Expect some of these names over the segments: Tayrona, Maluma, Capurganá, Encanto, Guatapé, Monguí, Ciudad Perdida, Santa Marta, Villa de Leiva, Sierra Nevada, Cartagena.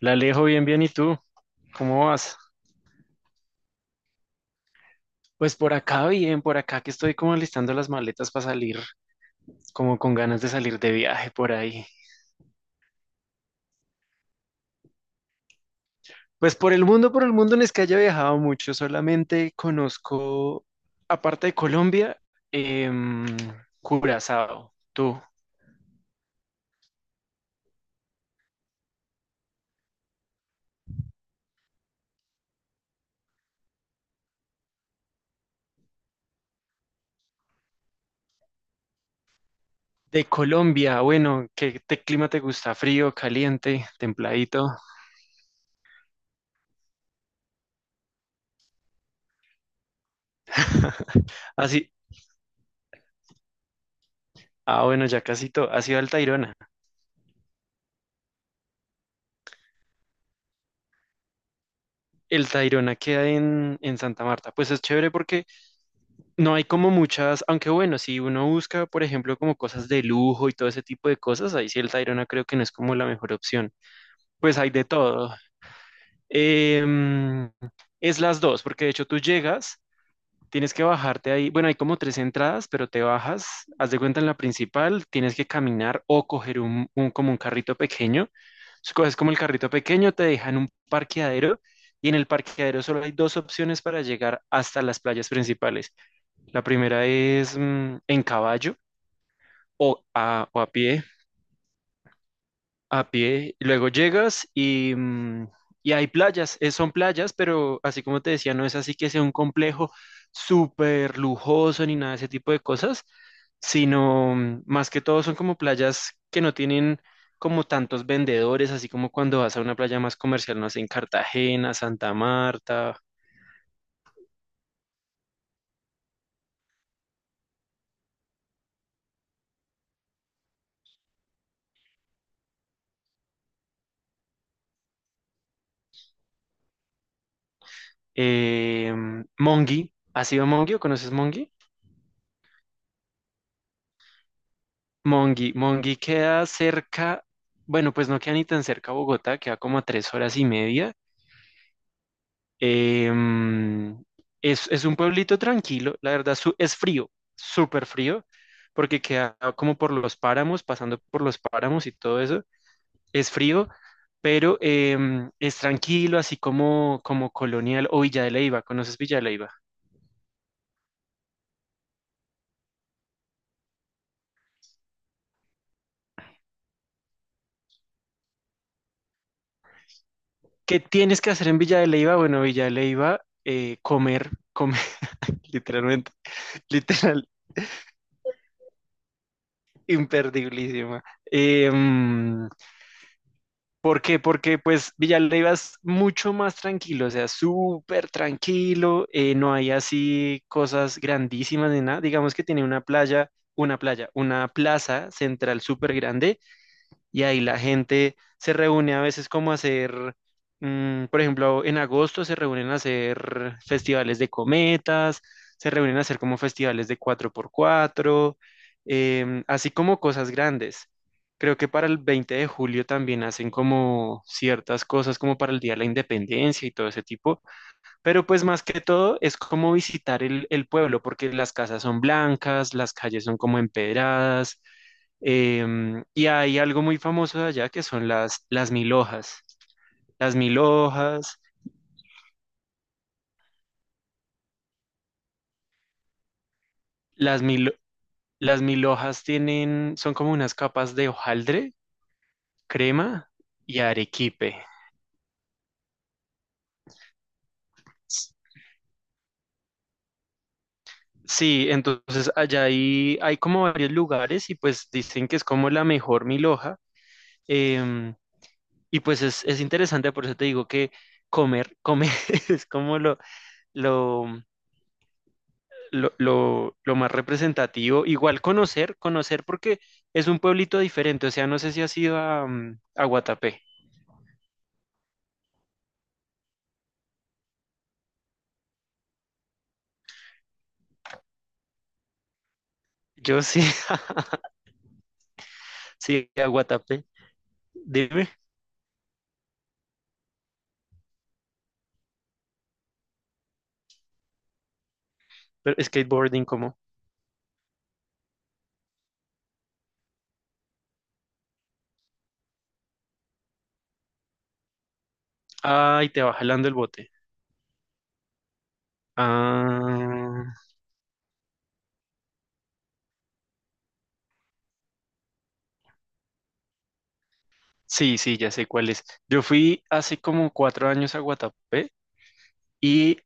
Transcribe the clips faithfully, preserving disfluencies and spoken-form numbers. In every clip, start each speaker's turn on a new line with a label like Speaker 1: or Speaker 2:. Speaker 1: La Alejo, bien, bien, ¿y tú? ¿Cómo vas? Pues por acá bien, por acá que estoy como alistando las maletas para salir, como con ganas de salir de viaje por ahí. Pues por el mundo, por el mundo no es que haya viajado mucho, solamente conozco, aparte de Colombia, em, Curazao. Tú, de Colombia, bueno, ¿qué te- clima te gusta? ¿Frío, caliente, templadito? Así, ah, bueno, ya casi todo, ha sido al Tayrona. El Tayrona queda en, en Santa Marta. Pues es chévere porque No hay como muchas, aunque bueno, si uno busca, por ejemplo, como cosas de lujo y todo ese tipo de cosas, ahí sí el Tayrona creo que no es como la mejor opción. Pues hay de todo. Em, es las dos, porque de hecho tú llegas, tienes que bajarte ahí. Bueno, hay como tres entradas, pero te bajas, haz de cuenta en la principal, tienes que caminar o coger un, un- como un carrito pequeño. Si coges como el carrito pequeño, te dejan un parqueadero y en el parqueadero solo hay dos opciones para llegar hasta las playas principales. La primera es mm, en caballo o a, o a pie, a pie. Y luego llegas y, mm, y hay playas. Eh, son playas, pero así como te decía, no es así que sea un complejo súper lujoso ni nada de ese tipo de cosas, sino mm, más que todo son como playas que no tienen como tantos vendedores, así como cuando vas a una playa más comercial, no sé, en Cartagena, Santa Marta, eh, Monguí. ¿Has ido a Monguí o conoces Monguí? Monguí? Monguí queda cerca, bueno, pues no queda ni tan cerca a Bogotá, queda como a tres horas y media. Em, es, es un pueblito tranquilo, la verdad su- es frío, súper frío, porque queda como por los páramos, pasando por los páramos y todo eso. Es frío, pero em, es tranquilo, así como, como colonial o Villa de Leiva. ¿Conoces Villa de Leiva? ¿Qué tienes que hacer en Villa de Leiva? Bueno, Villa de Leiva, eh, comer, comer, literalmente, literal, imperdiblísima. Eh, ¿Por qué? Porque pues Villalba es mucho más tranquilo, o sea, súper tranquilo, eh, no hay así cosas grandísimas ni nada. Digamos que tiene una playa, una playa, una plaza central súper grande y ahí la gente se reúne a veces como a hacer, mm, por ejemplo, en agosto se reúnen a hacer festivales de cometas, se reúnen a hacer como festivales de cuatro por cuatro em, así como cosas grandes. Creo que para el veinte de julio de julio también hacen como ciertas cosas como para el Día de la Independencia y todo ese tipo, pero pues más que todo es como visitar el, el pueblo, porque las casas son blancas, las calles son como empedradas. Em, y hay algo muy famoso de allá que son las, las mil hojas. Las mil hojas, las mil, las mil hojas tienen, son como unas capas de hojaldre, crema y arequipe. S- Sí, entonces allá hay, hay como varios lugares y pues dicen que es como la mejor mil hoja. em, Y pues es, es interesante, por eso te digo que comer, comer es como lo, lo, lo, lo, lo más representativo. Igual conocer, conocer porque es un pueblito diferente. O sea, no sé si has ido a, mm, a Guatapé. Yo sí, sí, a Guatapé. Dime, pero skateboarding, ¿cómo? Ay, te va jalando el bote. Ah, sí, sí, ya sé cuál es. Yo fui hace como cuatro años a Guatapé y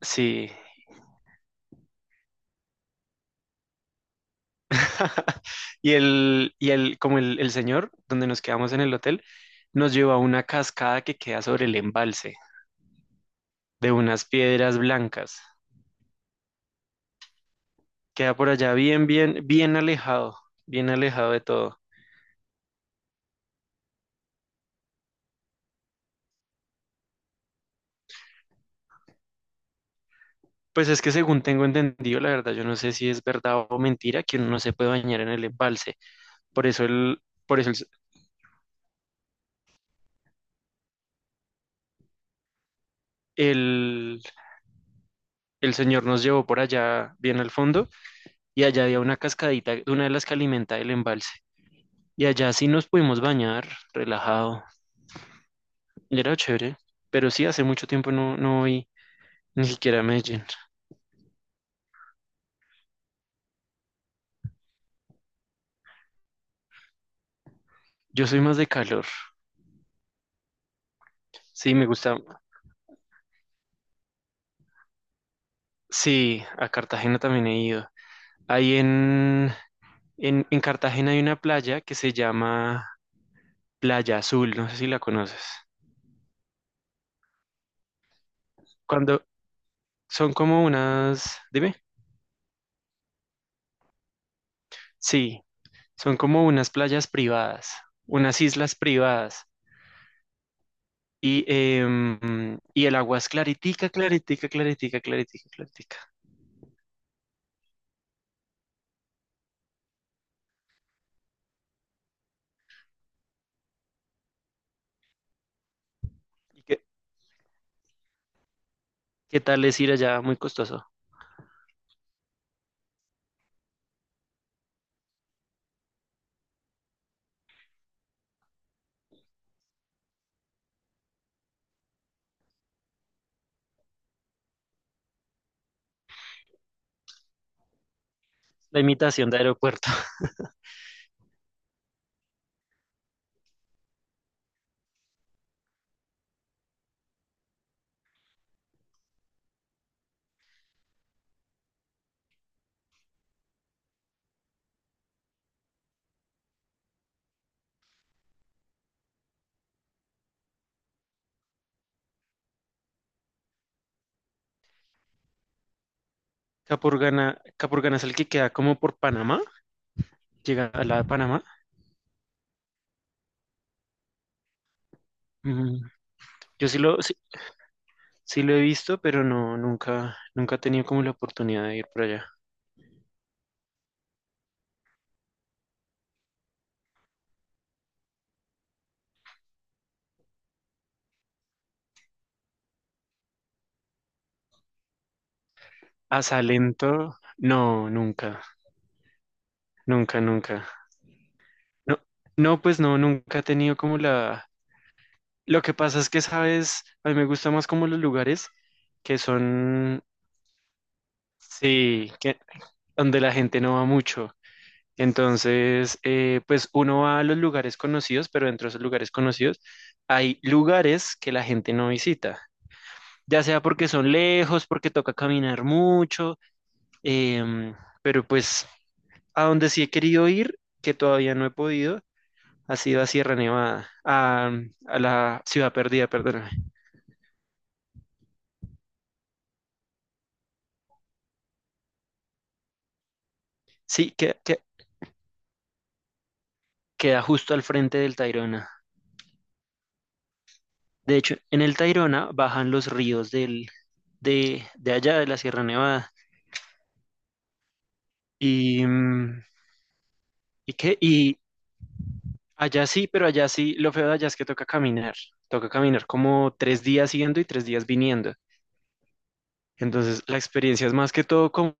Speaker 1: sí. Y el, y el, como el, el señor, donde nos quedamos en el hotel, nos llevó a una cascada que queda sobre el embalse de unas piedras blancas. Queda por allá bien, bien, bien alejado, bien alejado de todo. Pues es que según tengo entendido, la verdad, yo no sé si es verdad o mentira que uno no se puede bañar en el embalse. Por eso el, por eso el, el, el señor nos llevó por allá bien al fondo y allá había una cascadita, una de las que alimenta el embalse. Y allá sí nos pudimos bañar, relajado. Y era chévere, pero sí, hace mucho tiempo no, no voy ni siquiera a Medellín. Yo soy más de calor. Sí, me gusta. Sí, a Cartagena también he ido. Ahí en, en, en Cartagena hay una playa que se llama Playa Azul, no sé si la conoces. Cuando son como unas, dime. Sí, son como unas playas privadas, unas islas privadas. Y, em, y el agua es claritica, claritica, claritica, claritica, claritica. ¿Y qué, qué, tal es ir allá? Muy costoso. La imitación de aeropuerto. Capurganá, Capurganá es el que queda como por Panamá, llega a la de Panamá. Mm, Yo sí lo, sí, sí lo he visto, pero no, nunca, nunca he tenido como la oportunidad de ir por allá. A Salento, no, nunca, nunca, nunca. No, no, pues no, nunca he tenido como la... Lo que pasa es que, sabes, a mí me gusta más como los lugares que son, sí, que, donde la gente no va mucho. Entonces, eh, pues uno va a los lugares conocidos, pero dentro de esos lugares conocidos hay lugares que la gente no visita, ya sea porque son lejos, porque toca caminar mucho. em, pero pues a donde sí he querido ir, que todavía no he podido, ha sido a Sierra Nevada, a, mm, a la Ciudad Perdida, perdóname. Sí, que, que queda justo al frente del Tayrona. De hecho, en el Tayrona bajan los ríos del, de, de allá, de la Sierra Nevada. Y, mm, ¿Y qué? Y allá sí, pero allá sí, lo feo de allá es que toca caminar. Toca caminar como tres días yendo y tres días viniendo. Entonces, la experiencia es más que todo como,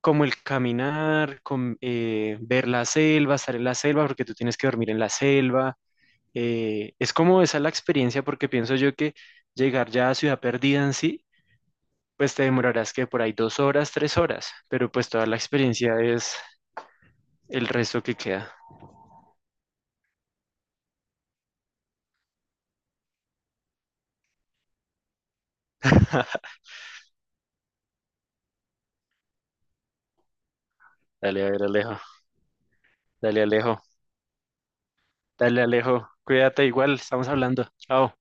Speaker 1: como el caminar, com- eh, ver la selva, estar en la selva, porque tú tienes que dormir en la selva. Eh, es como esa la experiencia, porque pienso yo que llegar ya a Ciudad Perdida en sí, pues te demorarás que por ahí dos horas, tres horas, pero pues toda la experiencia es el resto que queda. Dale, a ver, Alejo. Dale, Alejo. Dale, Alejo, cuídate igual, estamos hablando. Chao.